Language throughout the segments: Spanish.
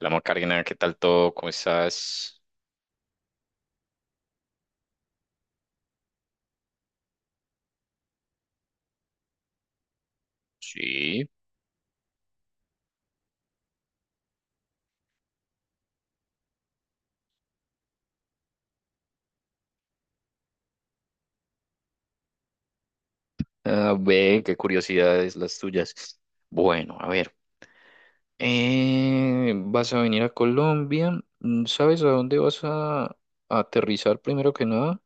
Hola, Macarena, ¿qué tal todo? ¿Cómo estás? Sí. Ah, ve, qué curiosidades las tuyas. Bueno, a ver, vas a venir a Colombia. Mm, ¿sabes a dónde vas a aterrizar primero que nada?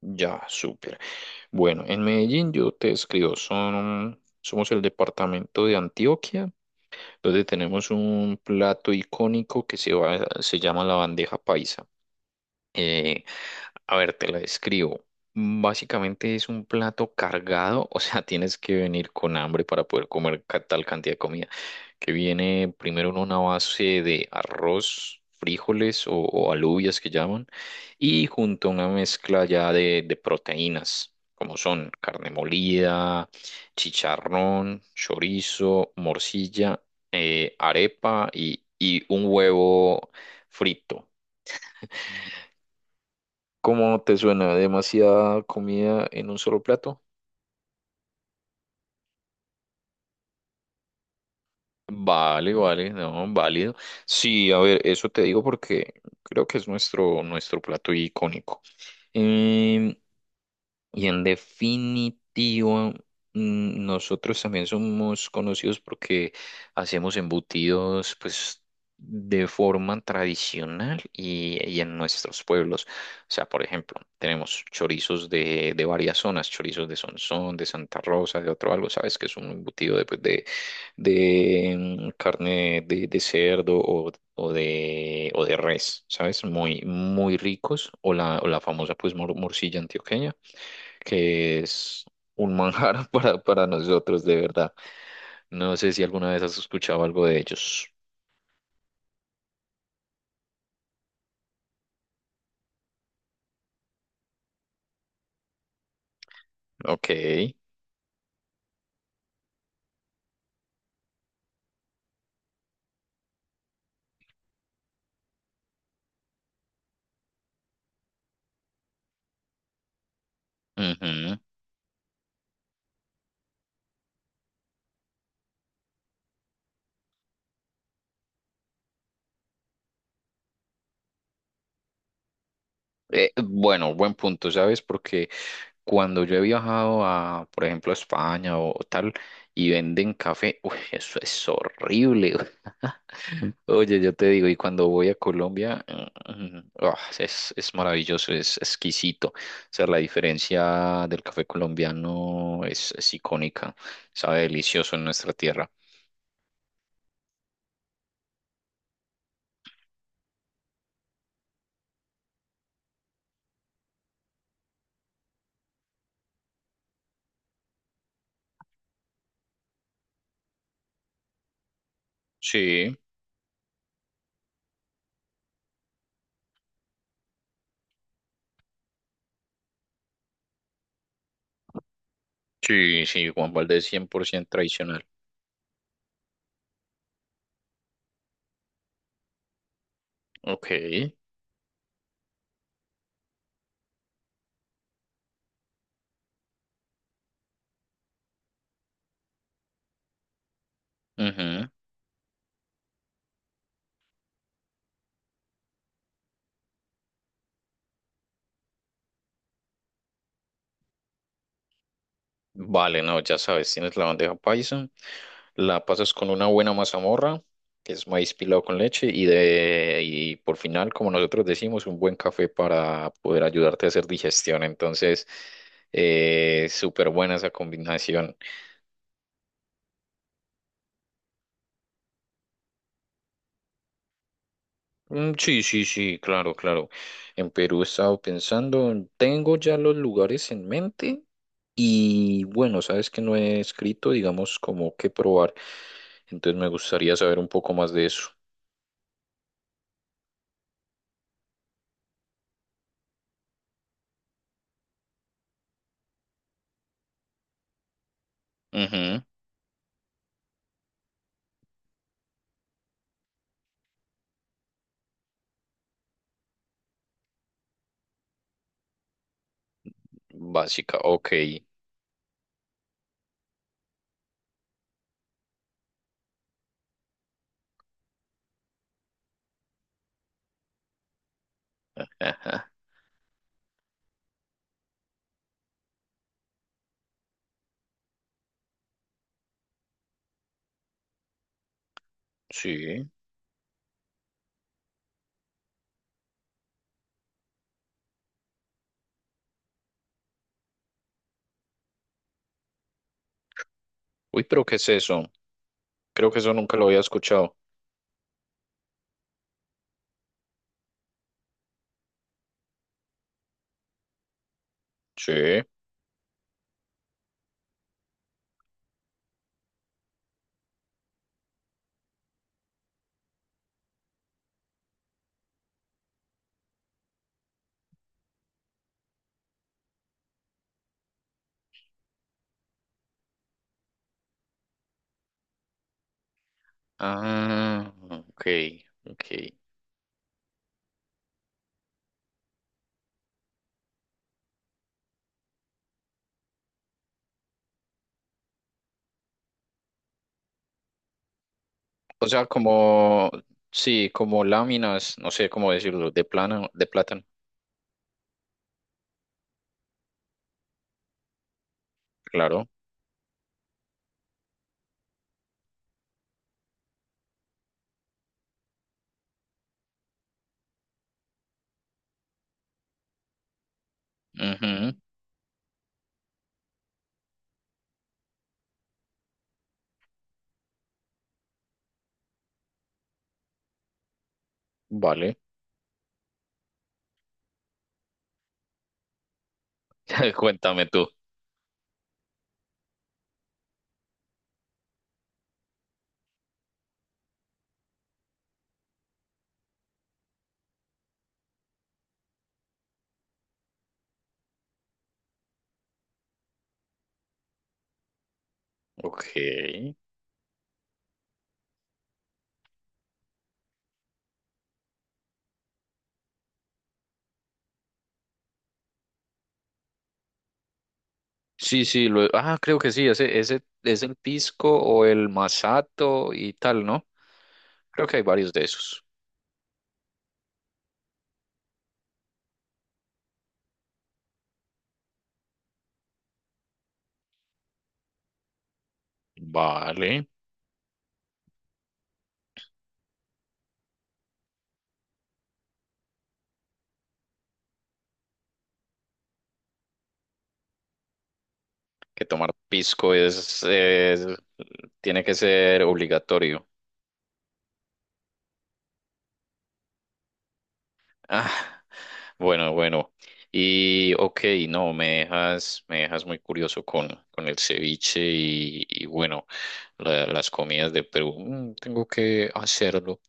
Ya, súper. Bueno, en Medellín yo te escribo, son, somos el departamento de Antioquia, donde tenemos un plato icónico que se, va- se llama la bandeja paisa. Eh, a ver, te la describo. Básicamente es un plato cargado, o sea, tienes que venir con hambre para poder comer ca- tal cantidad de comida, que viene primero en una base de arroz, frijoles o alubias que llaman, y junto a una mezcla ya de proteínas, como son carne molida, chicharrón, chorizo, morcilla, arepa y un huevo frito. ¿Cómo te suena? ¿Demasiada comida en un solo plato? Vale, vale, no, válido. Sí, a ver, eso te digo porque creo que es nuestro plato icónico. Em, Y en definitivo, nosotros también somos conocidos porque hacemos embutidos, pues, de forma tradicional y en nuestros pueblos. O sea, por ejemplo, tenemos chorizos de varias zonas, chorizos de Sonsón, de Santa Rosa, de otro algo, ¿sabes? Que es un embutido de, pues, de, carne de cerdo o de, o de res, ¿sabes? Muy, muy ricos. O la famosa, pues, mor- morcilla antioqueña que es un manjar para nosotros, de verdad. No sé si alguna vez has escuchado algo de ellos. Ok. Ujú. Bueno, buen punto, ¿sabes? Porque cuando yo he viajado a, por ejemplo, a España o tal, y venden café, uy, eso es horrible. Oye, yo te digo, y cuando voy a Colombia, ah, es maravilloso, es exquisito. O sea, la diferencia del café colombiano es icónica, sabe delicioso en nuestra tierra. Sí, sí, sí, Juan Valdez 100% tradicional. Ok. Ujú. Vale, no, ya sabes, tienes la bandeja paisa, la pasas con una buena mazamorra, que es maíz pilado con leche, y, de, y por final, como nosotros decimos, un buen café para poder ayudarte a hacer digestión. Entonces, súper buena esa combinación. Mm, sí, sí, sí, claro, claro. En Perú he estado pensando, tengo ya los lugares en mente. Y bueno, sabes que no he escrito, digamos, como que probar, entonces me gustaría saber un poco más de eso. Básica, ok. Ajá. Sí. Uy, pero ¿qué es eso? Creo que eso nunca lo había escuchado. Sí. Ah, ok, ok. O sea, como, sí, como láminas, no sé cómo decirlo, de plano, de plátano, claro. Ujú. Vale, cuéntame tú. Ok. Sí, sí, lo, ah, creo que sí, ese es el pisco o el masato y tal, ¿no? Creo que hay varios de esos. Vale. Que tomar pisco es- tiene que ser obligatorio. Ah, bueno, bueno. Y ok, no, me dejas muy curioso con el ceviche y bueno, la- las comidas de Perú. Mm, tengo que hacerlo.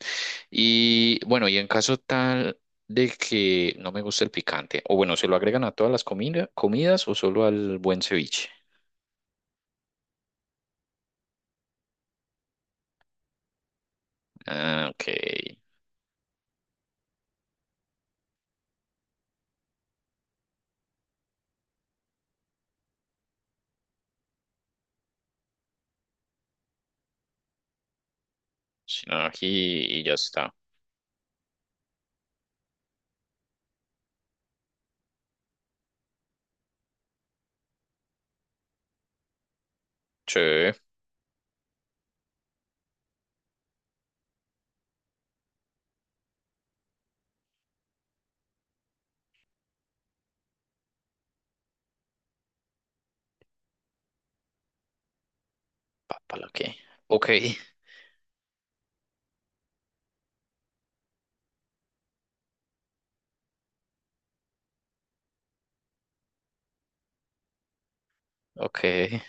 Y bueno, y en caso tal de que no me guste el picante, o bueno, ¿se lo agregan a todas las comida- comidas o solo al buen ceviche? Ah, ok. Sin ají y ya está. Sí. Papala, ok. Ok, ok.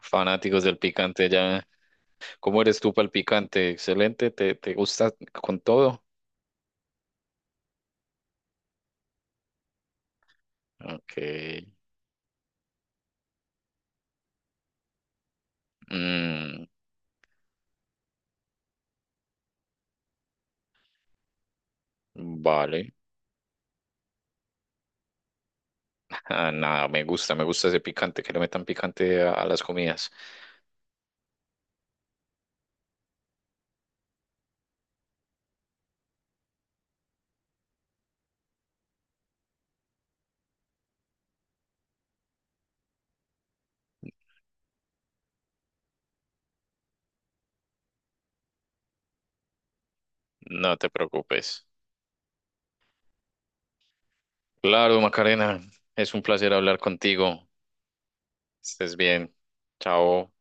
Fanáticos del picante ya. ¿Cómo eres tú para el picante? Excelente, ¿te, te gusta con todo? Ok. Mm, vale. Ah, nada, me gusta ese picante, que le metan picante a las comidas. No te preocupes. Claro, Macarena, es un placer hablar contigo. Estés bien. Chao.